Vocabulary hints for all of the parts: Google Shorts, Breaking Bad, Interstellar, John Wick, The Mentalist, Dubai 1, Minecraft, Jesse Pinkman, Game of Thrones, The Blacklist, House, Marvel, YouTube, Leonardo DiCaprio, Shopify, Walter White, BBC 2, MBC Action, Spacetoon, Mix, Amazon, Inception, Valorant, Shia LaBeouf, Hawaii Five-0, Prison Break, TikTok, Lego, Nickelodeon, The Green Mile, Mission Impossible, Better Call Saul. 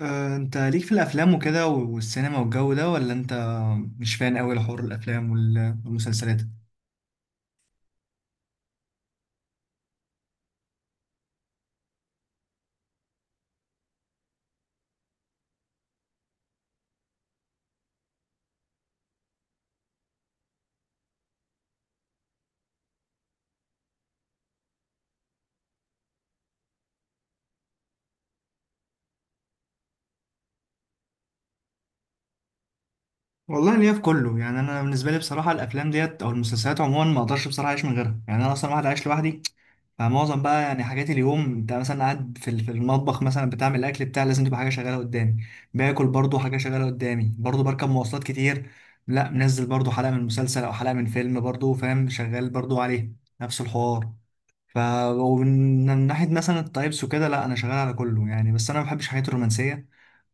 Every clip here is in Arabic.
انت ليك في الافلام وكده والسينما والجو ده، ولا انت مش فان قوي لحوار الافلام والمسلسلات؟ والله ليا في كله. يعني انا بالنسبه لي بصراحه، الافلام ديت او المسلسلات عموما ما اقدرش بصراحه اعيش من غيرها. يعني انا اصلا واحد عايش لوحدي. فمعظم بقى يعني حاجات اليوم، انت مثلا قاعد في المطبخ مثلا بتعمل الاكل بتاع، لازم تبقى حاجه شغاله قدامي. باكل برضو حاجه شغاله قدامي، برضو بركب مواصلات كتير. لا منزل برضو حلقه من مسلسل او حلقه من فيلم، برضو فاهم، شغال برضو عليه نفس الحوار. ف ومن ناحية مثلا التايبس وكده، لا، أنا شغال على كله يعني، بس أنا ما بحبش الحاجات الرومانسية.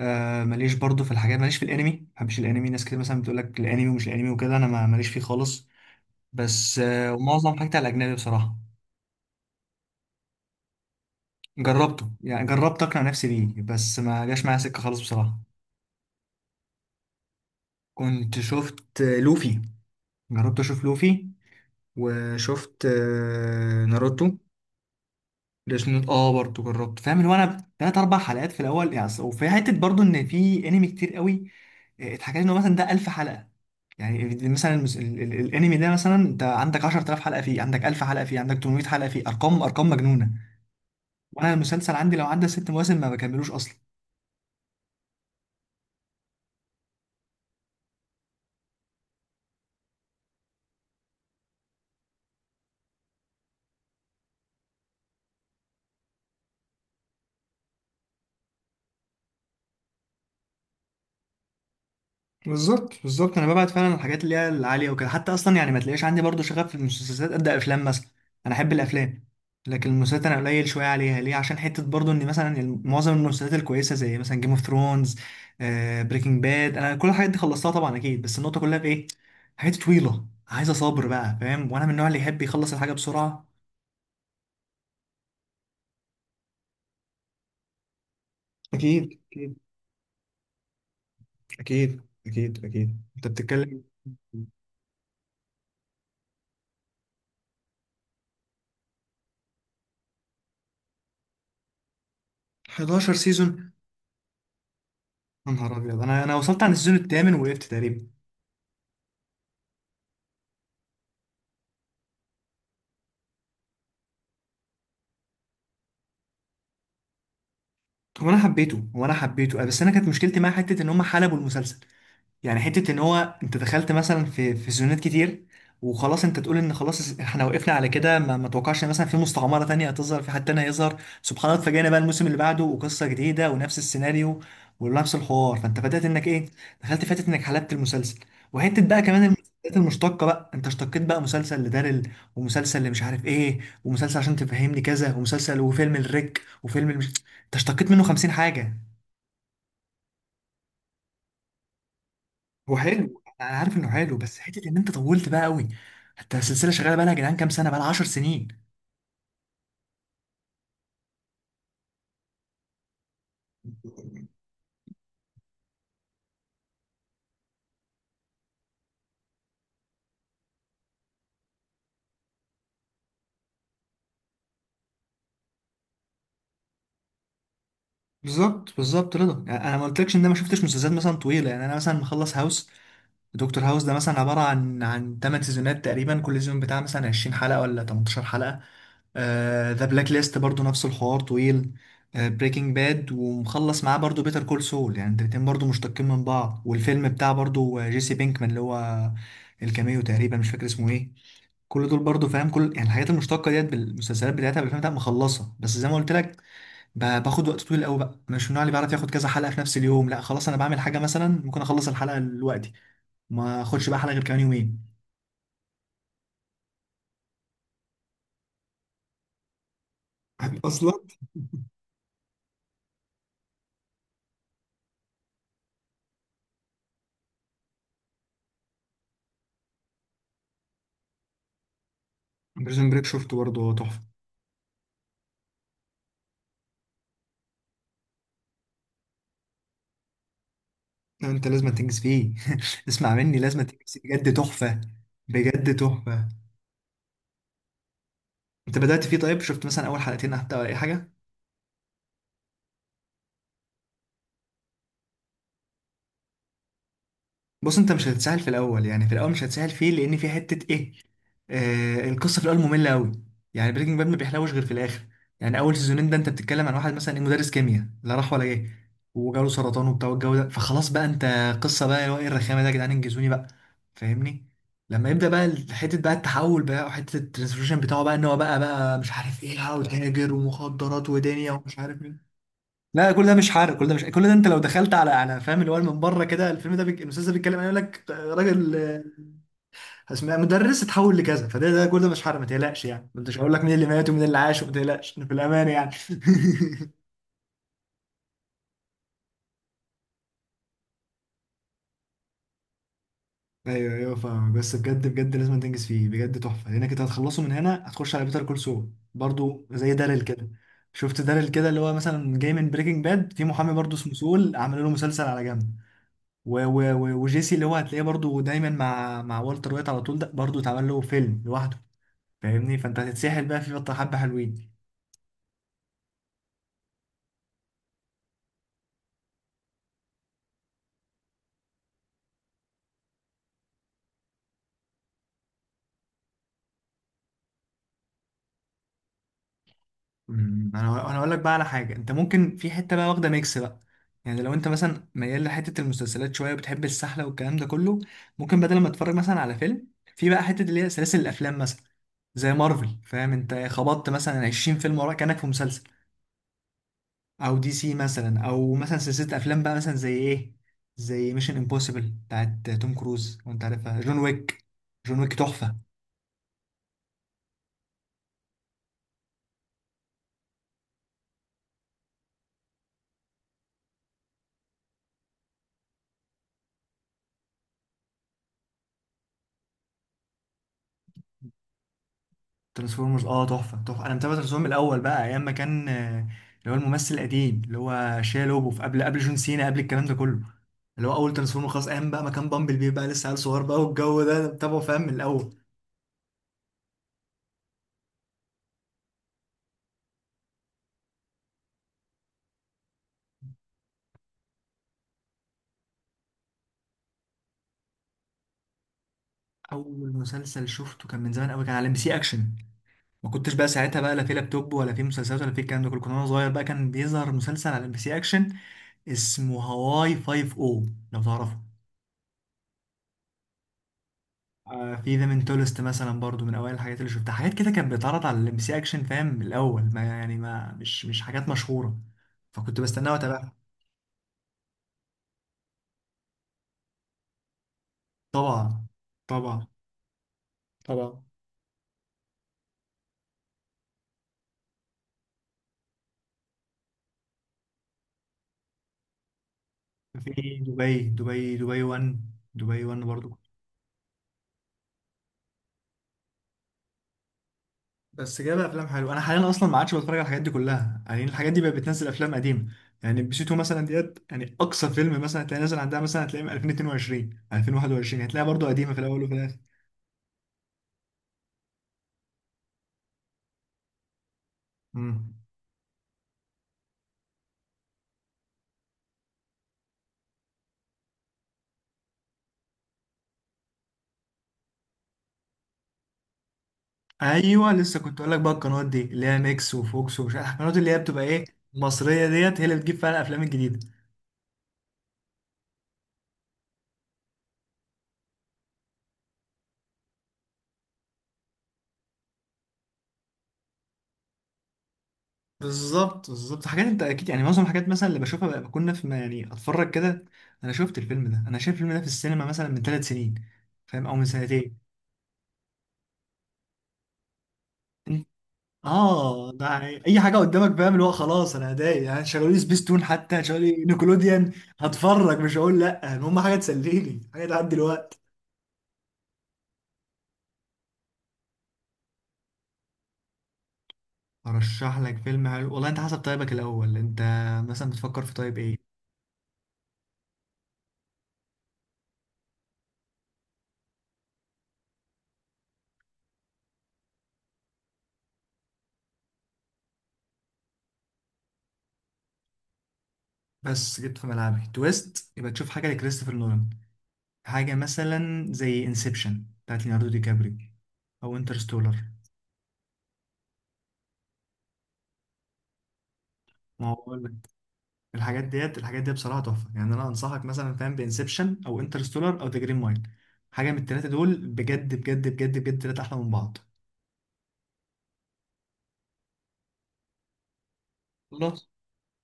ماليش برضو في الحاجات، ماليش في الأنمي، ما بحبش الأنمي. ناس كتير مثلا بتقول لك الأنمي ومش الأنمي وكده، أنا ماليش فيه خالص. بس ومعظم حاجتي على الأجنبي بصراحة. جربته يعني، جربت أقنع نفسي بيه، بس ما جاش معايا سكة خالص بصراحة. كنت شفت لوفي، جربت أشوف لوفي، وشفت ناروتو. ديسنوت برضه جربت، فاهم، اللي هو انا تلات اربع حلقات في الاول يعني، وفي حته برضه ان في انمي كتير قوي. اتحكى لي انه مثلا ده 1000 حلقه. يعني مثلا الانمي ده مثلا، انت عندك 10,000 حلقه، فيه عندك 1000 حلقه، فيه عندك 800 حلقه، فيه ارقام ارقام مجنونه. وانا المسلسل عندي لو عدى 6 مواسم ما بكملوش اصلا. بالظبط بالظبط، انا ببعد فعلا عن الحاجات اللي هي العاليه وكده. حتى اصلا يعني ما تلاقيش عندي برضو شغف في المسلسلات قد افلام مثلا. انا احب الافلام. لكن المسلسلات انا قليل شويه عليها. ليه؟ عشان حته برضو ان مثلا معظم المسلسلات الكويسه زي مثلا جيم اوف ثرونز، بريكنج باد، انا كل الحاجات دي خلصتها طبعا اكيد. بس النقطه كلها في ايه؟ حاجات طويله عايزه صبر بقى، فاهم، وانا من النوع اللي يحب يخلص الحاجه بسرعه. أكيد، أكيد، أكيد، أكيد، أكيد، أنت بتتكلم. 11 سيزون؟ يا نهار أبيض! أنا وصلت عن السيزون الثامن وقفت تقريبا. هو انا حبيته بس انا كانت مشكلتي مع حته ان هم حلبوا المسلسل. يعني حتة ان هو انت دخلت مثلا في سيزونات كتير، وخلاص انت تقول ان خلاص احنا وقفنا على كده، ما توقعش ان مثلا في مستعمرة تانية هتظهر، في حد تاني هيظهر. سبحان الله، اتفاجئنا بقى الموسم اللي بعده وقصة جديدة ونفس السيناريو ونفس الحوار. فانت بدأت انك ايه، دخلت، فاتت انك حلبت المسلسل. وحتة بقى كمان المسلسلات المشتقة بقى، انت اشتقيت بقى مسلسل لدارل، ومسلسل لمش عارف ايه، ومسلسل عشان تفهمني كذا، ومسلسل، وفيلم الريك، انت اشتقيت منه 50 حاجة. هو حلو، انا عارف انه حلو، بس حته ان انت طولت بقى قوي. انت السلسله شغاله بقى لها يا جدعان، كام سنه بقى لها؟ 10 سنين. بالظبط بالظبط، رضا، يعني انا ما قلتلكش ان انا ما شفتش مسلسلات مثلا طويله. يعني انا مثلا مخلص هاوس. دكتور هاوس ده مثلا عباره عن 8 سيزونات تقريبا، كل سيزون بتاع مثلا 20 حلقه ولا 18 حلقه. ذا بلاك ليست برضو نفس الحوار، طويل. بريكنج باد، ومخلص معاه برضو بيتر كول سول. يعني الاتنين برضو مشتقين من بعض. والفيلم بتاع برضو جيسي بينكمان، اللي هو الكاميو تقريبا مش فاكر اسمه ايه. كل دول برضو، فاهم، كل يعني الحاجات المشتقه ديت بالمسلسلات بتاعتها بالافلام بتاعتها مخلصه، بس زي ما قلت لك، باخد وقت طويل قوي بقى. مش من النوع اللي بيعرف ياخد كذا حلقه في نفس اليوم. لا خلاص، انا بعمل حاجه مثلا، ممكن اخلص الحلقه دلوقتي، ما اخدش بقى حلقه غير كمان يومين. عارف اصلا. بريزون بريك شفته برضه، هو تحفه. لا، انت لازم تنجز فيه. اسمع مني، لازم تنجز فيه بجد، تحفه. بجد تحفه. انت بدأت فيه طيب؟ شفت مثلا اول حلقتين حتى ولا اي حاجه؟ بص، انت مش هتتسهل في الاول. يعني في الاول مش هتسهل فيه، لان في حته ايه، القصه في الاول ممله قوي. يعني بريكنج باد ما بيحلوش غير في الاخر. يعني اول سيزونين ده، انت بتتكلم عن واحد مثلا ايه، مدرس كيمياء لا راح ولا جه، وجاله سرطان وبتاع والجو ده. فخلاص بقى انت، قصه بقى اللي هو ايه الرخامه ده يا جدعان، انجزوني بقى. فاهمني. لما يبدا بقى حته بقى التحول بقى وحته الترانسفورميشن بتاعه بقى، ان هو بقى مش عارف ايه، لا وتاجر ومخدرات ودنيا ومش عارف ايه. لا، كل ده مش حرق، كل ده مش كل ده انت لو دخلت على فاهم اللي هو من بره كده، الفيلم ده الاستاذ ده بيتكلم يقول لك راجل، اسمه إيه؟ مدرس اتحول لكذا، فده كل ده مش حرق، ما تقلقش. يعني ما انتش هقول لك مين اللي مات ومين اللي عاش، وما تقلقش، إحنا في الامان يعني. ايوه ايوه فاهمك. بس بجد بجد لازم تنجز فيه بجد تحفه، لانك انت هتخلصه من هنا هتخش على بيتر كول سول برضو زي داريل كده. شفت داريل كده اللي هو مثلا جاي من بريكنج باد. في محامي برضو اسمه سول، عملوا له مسلسل على جنب. و و و وجيسي اللي هو هتلاقيه برضو دايما مع والتر وايت على طول، ده برضو اتعمل له فيلم لوحده. فاهمني، فانت هتتسحل بقى في بطة حبة حلوين. انا اقول لك بقى على حاجة، انت ممكن في حتة بقى واخدة ميكس بقى. يعني لو انت مثلا ميال لحتة المسلسلات شوية وبتحب السحلة والكلام ده كله، ممكن بدل ما تتفرج مثلا على فيلم، في بقى حتة اللي هي سلاسل الافلام مثلا، زي مارفل. فاهم، انت خبطت مثلا 20 فيلم وراك كأنك في مسلسل. او دي سي مثلا، او مثلا سلسله افلام بقى مثلا زي ايه؟ زي ميشن امبوسيبل بتاعت توم كروز وانت عارفها، جون ويك. جون ويك تحفه. ترانسفورمرز، تحفه تحفه. انا متابع ترانسفورمرز من الاول بقى، ايام ما كان، اللي هو الممثل القديم اللي هو شيا لوبوف، قبل جون سينا، قبل الكلام ده كله، اللي هو اول ترانسفورمر. خلاص، ايام بقى ما كان بامبل بي بقى لسه عيل صغير بقى والجو ده، أنا متابعه فاهم من الاول. اول مسلسل شفته كان من زمان قوي، كان على ام بي سي اكشن. ما كنتش بقى ساعتها بقى لا في لابتوب ولا في مسلسلات ولا في الكلام ده كله، كنت وانا صغير بقى كان بيظهر مسلسل على ام بي سي اكشن اسمه هواي 5، او لو تعرفه. في ذا منتولست مثلا برضو من اوائل الحاجات اللي شفتها. حاجات كده كانت بتتعرض على الام بي سي اكشن، فاهم، من الاول، ما يعني ما مش مش حاجات مشهوره، فكنت بستناها واتابعها. طبعا، طبعا، طبعا. في دبي 1، دبي 1 برضو. بس جايبه افلام حلوه. انا حاليا اصلا ما عادش بتفرج على الحاجات دي كلها، يعني الحاجات دي بقت بتنزل افلام قديمه. يعني بي سي 2 مثلا ديت، يعني اقصى فيلم مثلا هتلاقي نازل عندها مثلا، هتلاقيه من 2022 2021، هتلاقيها برضو قديمه في الاول وفي الاخر. امم ايوه، لسه كنت اقول لك بقى، القنوات دي اللي هي ميكس وفوكس ومش عارف القنوات اللي هي بتبقى ايه، مصريه ديت، هي اللي بتجيب فعلا الافلام الجديده. بالظبط بالظبط. حاجات انت اكيد يعني معظم الحاجات مثلا اللي بشوفها بقى بكون في، ما يعني، اتفرج كده. انا شفت الفيلم ده، انا شايف الفيلم ده في السينما مثلا من 3 سنين، فاهم، او من سنتين. اه، ده يعني اي حاجه قدامك، فاهم، اللي هو خلاص. انا ادائي يعني شغلوا لي سبيستون حتى، شغلوا لي نيكولوديان، هتفرج مش هقول لا. المهم حاجه تسليني، حاجه تعدي الوقت. ارشح لك فيلم حلو؟ والله انت حسب طيبك الاول، انت مثلا بتفكر في طيب ايه؟ بس جيت في ملعبي. تويست يبقى تشوف حاجه لكريستوفر نولان. حاجه مثلا زي انسبشن بتاعت ليوناردو دي كابريو، او انترستولر. ما هو الحاجات دي بصراحه تحفه. يعني انا انصحك مثلا، فاهم، بانسبشن او انترستولار او ذا جرين مايل. حاجه من الثلاثه دول، بجد بجد بجد بجد، ثلاثه احلى من بعض. خلاص.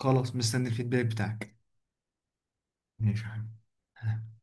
خلاص، مستني الفيدباك بتاعك. ماشي يا حبيبي.